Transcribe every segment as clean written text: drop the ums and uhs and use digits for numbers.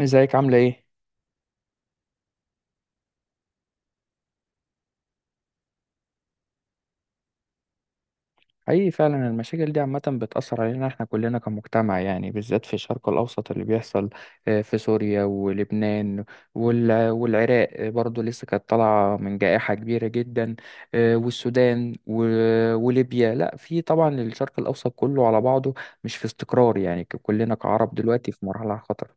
ازيك عاملة ايه؟ حقيقي فعلا المشاكل دي عامة بتأثر علينا احنا كلنا كمجتمع، يعني بالذات في الشرق الأوسط اللي بيحصل. في سوريا ولبنان والعراق. برضو لسه كانت طالعة من جائحة كبيرة جدا. والسودان وليبيا. لا، في طبعا الشرق الأوسط كله على بعضه مش في استقرار، يعني كلنا كعرب دلوقتي في مرحلة خطر.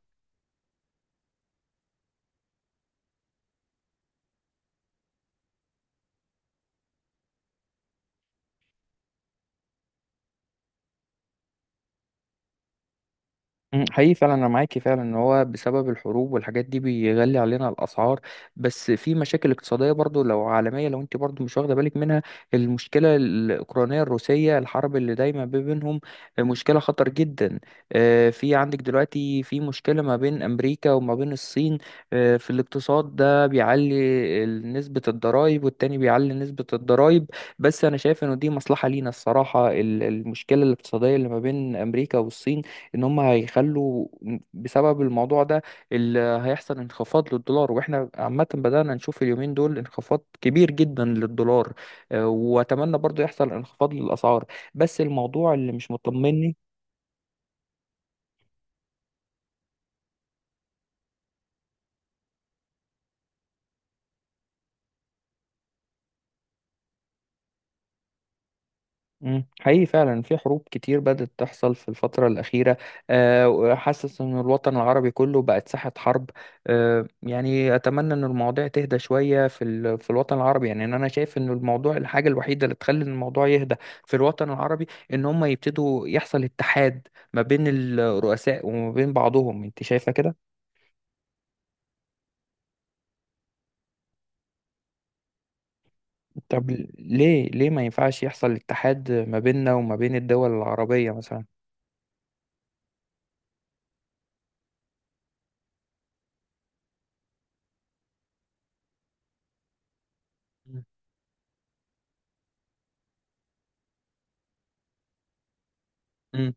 حقيقي فعلا انا معاكي فعلا ان هو بسبب الحروب والحاجات دي بيغلي علينا الاسعار. بس في مشاكل اقتصاديه برضو لو عالميه لو انت برضو مش واخده بالك منها. المشكله الاوكرانيه الروسيه، الحرب اللي دايما ما بينهم، مشكله خطر جدا. في عندك دلوقتي في مشكله ما بين امريكا وما بين الصين. في الاقتصاد ده بيعلي نسبه الضرائب، والتاني بيعلي نسبه الضرائب. بس انا شايف انه دي مصلحه لينا الصراحه، المشكله الاقتصاديه اللي ما بين امريكا والصين ان هم هيخلوا بسبب الموضوع ده اللي هيحصل انخفاض للدولار، واحنا عامة بدأنا نشوف اليومين دول انخفاض كبير جدا للدولار. واتمنى برضو يحصل انخفاض للاسعار، بس الموضوع اللي مش مطمني. حقيقي فعلا في حروب كتير بدأت تحصل في الفترة الأخيرة. وحاسس إن الوطن العربي كله بقت ساحة حرب. يعني أتمنى إن المواضيع تهدى شوية في في الوطن العربي. يعني إن أنا شايف إن الموضوع، الحاجة الوحيدة اللي تخلي الموضوع يهدى في الوطن العربي إن هم يبتدوا يحصل اتحاد ما بين الرؤساء وما بين بعضهم. أنت شايفة كده؟ طب، ليه ما ينفعش يحصل اتحاد ما بيننا وما بين الدول العربية مثلا؟ مم. مم.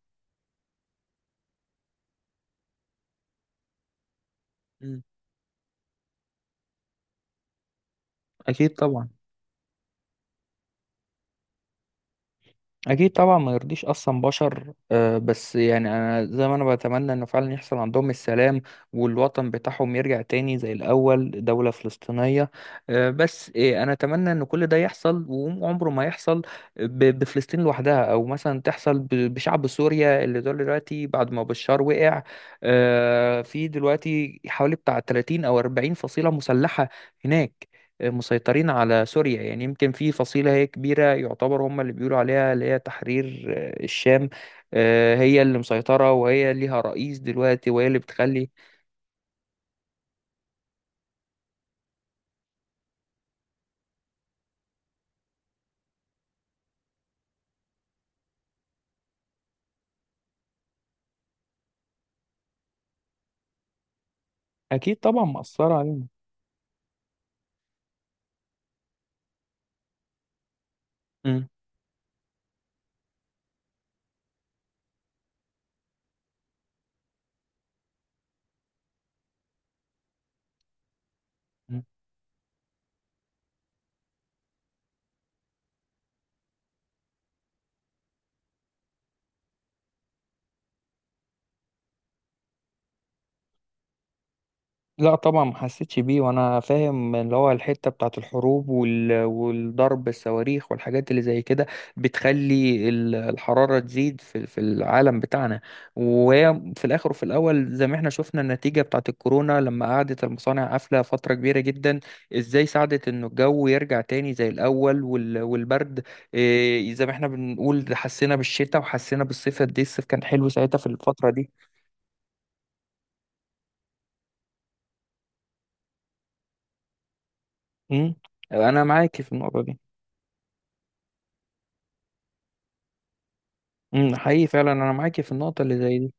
مم. أكيد طبعا. اكيد طبعا، ما يرضيش اصلا بشر. بس يعني انا زي ما انا بتمنى انه فعلا يحصل عندهم السلام، والوطن بتاعهم يرجع تاني زي الاول دولة فلسطينية. بس انا اتمنى ان كل ده يحصل، وعمره ما يحصل بفلسطين لوحدها، او مثلا تحصل بشعب سوريا اللي دول دلوقتي بعد ما بشار وقع. في دلوقتي حوالي بتاع 30 او 40 فصيلة مسلحة هناك مسيطرين على سوريا. يعني يمكن في فصيلة هي كبيرة يعتبر هم اللي بيقولوا عليها اللي هي تحرير الشام. هي اللي مسيطرة، وهي ليها رئيس دلوقتي، وهي اللي بتخلي. أكيد طبعا مأثرة علينا. مم. لا طبعا ما حسيتش بيه، وانا فاهم اللي هو الحته بتاعت الحروب والضرب الصواريخ والحاجات اللي زي كده بتخلي الحراره تزيد في العالم بتاعنا. وهي في الاخر وفي الاول زي ما احنا شفنا النتيجه بتاعت الكورونا لما قعدت المصانع قافله فتره كبيره جدا، ازاي ساعدت انه الجو يرجع تاني زي الاول والبرد. إيه، زي ما احنا بنقول ده حسينا بالشتاء وحسينا بالصيف قد ايه الصيف كان حلو ساعتها في الفتره دي. امم انا معاك في النقطه دي. حقيقي فعلا انا معاكي في النقطه اللي زي دي.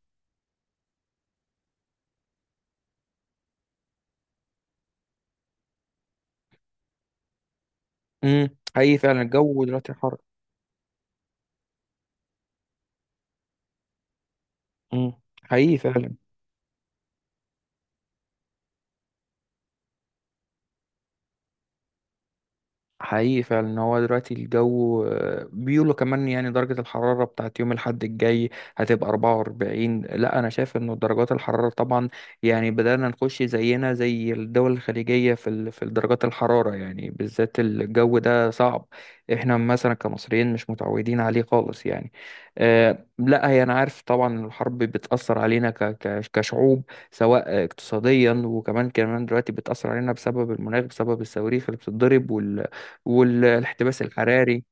امم حقيقي فعلا الجو دلوقتي حر. حقيقي فعلا. حقيقي فعلا ان هو دلوقتي الجو، بيقولوا كمان يعني درجة الحرارة بتاعت يوم الأحد الجاي هتبقى 44. لا، أنا شايف إنه درجات الحرارة طبعا يعني بدأنا نخش زينا زي الدول الخليجية في في درجات الحرارة، يعني بالذات الجو ده صعب، احنا مثلا كمصريين مش متعودين عليه خالص يعني. لا هي أنا عارف طبعا إن الحرب بتأثر علينا كشعوب سواء اقتصاديا، وكمان دلوقتي بتأثر علينا بسبب المناخ، بسبب الصواريخ اللي بتتضرب، والاحتباس الحراري.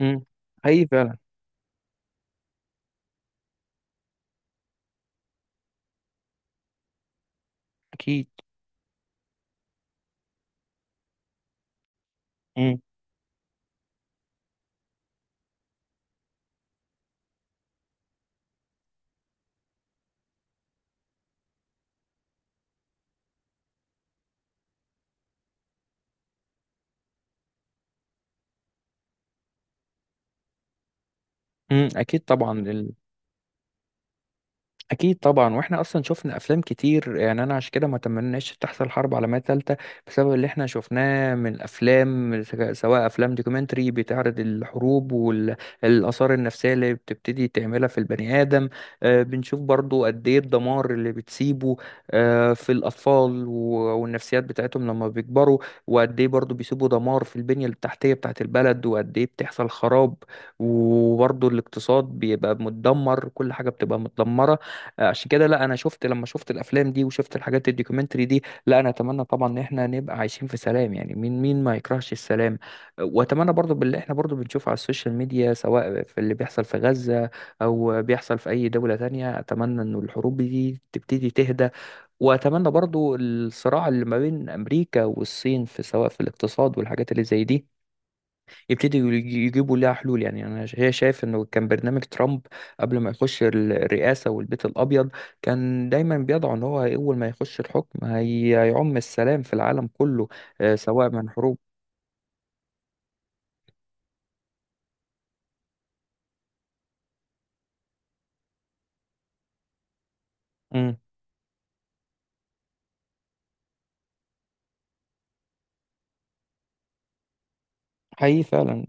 امم حقيقي فعلا. اكيد. امم اكيد طبعا. اكيد طبعا، واحنا اصلا شفنا افلام كتير، يعني انا عشان كده ما تمناش تحصل حرب عالميه ثالثه بسبب اللي احنا شفناه من الافلام، سواء افلام دوكيومنتري بتعرض الحروب والاثار النفسيه اللي بتبتدي تعملها في البني ادم. بنشوف برضو قد ايه الدمار اللي بتسيبه في الاطفال والنفسيات بتاعتهم لما بيكبروا. وقد ايه برضو بيسيبوا دمار في البنيه التحتيه بتاعت البلد، وقد ايه بتحصل خراب، وبرضو الاقتصاد بيبقى متدمر، كل حاجه بتبقى متدمره. عشان كده لا، انا شفت لما شفت الافلام دي وشفت الحاجات الدوكيومنتري دي، لا، انا اتمنى طبعا ان احنا نبقى عايشين في سلام. يعني مين ما يكرهش السلام؟ واتمنى برضو باللي احنا برضو بنشوفه على السوشيال ميديا سواء في اللي بيحصل في غزة او بيحصل في اي دولة تانية، اتمنى ان الحروب دي تبتدي تهدى. واتمنى برضو الصراع اللي ما بين امريكا والصين في سواء في الاقتصاد والحاجات اللي زي دي يبتدوا يجيبوا لها حلول. يعني انا هي شايف انه كان برنامج ترامب قبل ما يخش الرئاسه والبيت الابيض، كان دايما بيضع ان هو اول ما يخش الحكم هيعم السلام في العالم كله، سواء من حروب. مم. حقيقي فعلا.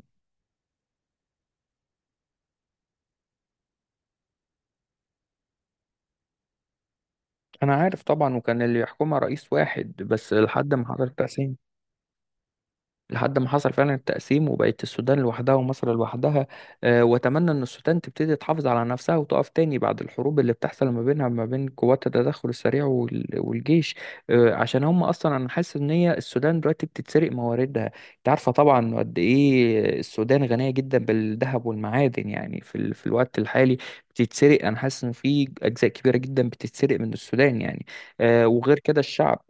انا عارف طبعا، وكان اللي يحكمها رئيس واحد بس لحد ما حضرت، لحد ما حصل فعلا التقسيم وبقت السودان لوحدها ومصر لوحدها. واتمنى ان السودان تبتدي تحافظ على نفسها وتقف تاني بعد الحروب اللي بتحصل ما بينها ما بين قوات التدخل السريع والجيش. عشان هم اصلا انا حاسس ان هي السودان دلوقتي بتتسرق مواردها. انت عارفه طبعا قد ايه السودان غنيه جدا بالذهب والمعادن، يعني في في الوقت الحالي بتتسرق. انا حاسس ان في اجزاء كبيره جدا بتتسرق من السودان يعني. وغير كده الشعب.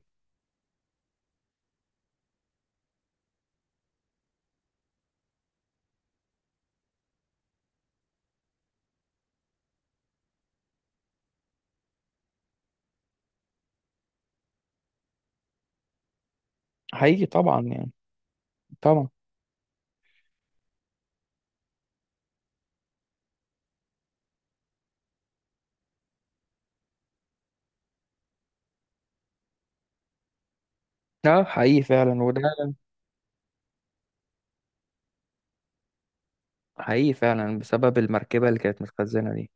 حقيقي طبعا يعني. طبعا. اه، حقيقي فعلا وده. حقيقي فعلا بسبب المركبة اللي كانت متخزنة دي.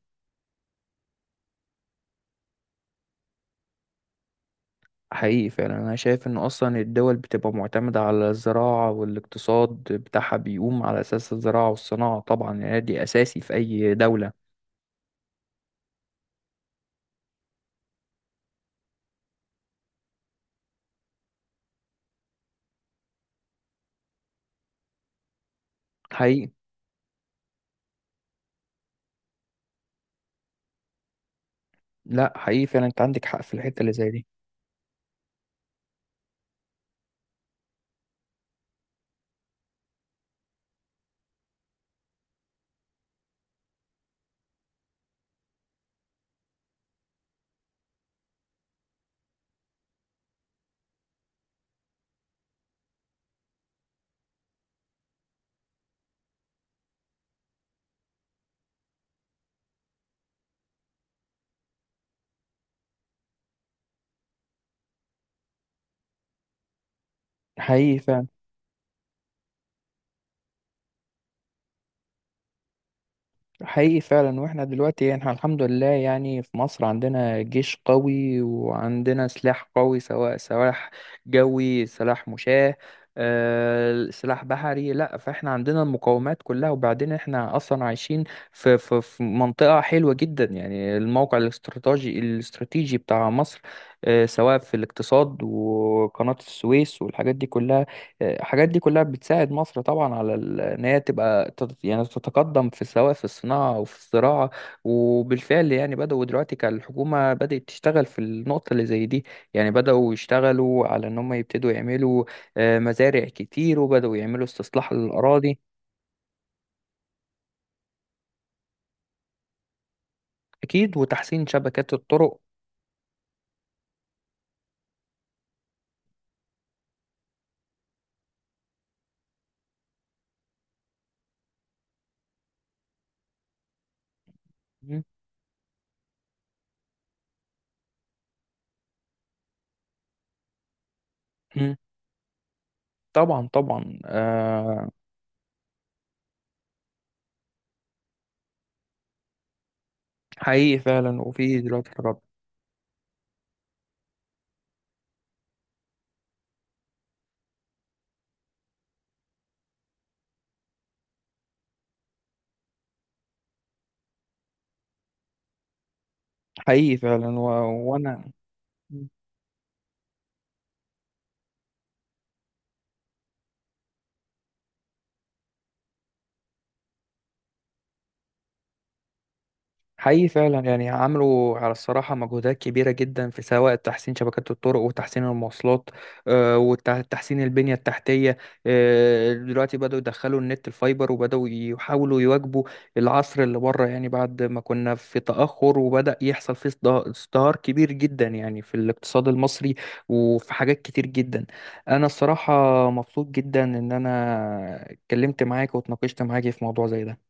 حقيقي فعلا أنا شايف إن أصلا الدول بتبقى معتمدة على الزراعة، والاقتصاد بتاعها بيقوم على أساس الزراعة والصناعة، طبعا يعني دي أساسي في أي دولة. حقيقي. لا، حقيقي فعلا أنت عندك حق في الحتة اللي زي دي. حقيقي فعلا. حقيقي فعلا واحنا دلوقتي، يعني احنا الحمد لله، يعني في مصر عندنا جيش قوي وعندنا سلاح قوي، سواء سلاح جوي، سلاح مشاة، سلاح بحري. لا، فاحنا عندنا المقومات كلها، وبعدين احنا اصلا عايشين في في منطقة حلوة جدا، يعني الموقع الاستراتيجي الاستراتيجي بتاع مصر، سواء في الاقتصاد وقناة السويس والحاجات دي كلها. الحاجات دي كلها بتساعد مصر طبعا على ان هي تبقى يعني تتقدم في سواء في الصناعه وفي الزراعه. وبالفعل يعني بداوا دلوقتي كالحكومه بدات تشتغل في النقطه اللي زي دي، يعني بداوا يشتغلوا على ان هم يبتدوا يعملوا مزارع كتير، وبداوا يعملوا استصلاح للاراضي. اكيد، وتحسين شبكات الطرق. مم. مم. طبعا طبعا. حقيقي فعلا. وفي دلوقتي حاجات حقيقي فعلا وانا. حقيقي فعلا يعني عملوا على الصراحة مجهودات كبيرة جدا في سواء تحسين شبكات الطرق وتحسين المواصلات. وتحسين البنية التحتية. دلوقتي بدأوا يدخلوا النت الفايبر، وبدأوا يحاولوا يواكبوا العصر اللي بره، يعني بعد ما كنا في تأخر وبدأ يحصل فيه ازدهار كبير جدا يعني في الاقتصاد المصري وفي حاجات كتير جدا. أنا الصراحة مبسوط جدا إن أنا اتكلمت معاك واتناقشت معاك في موضوع زي ده.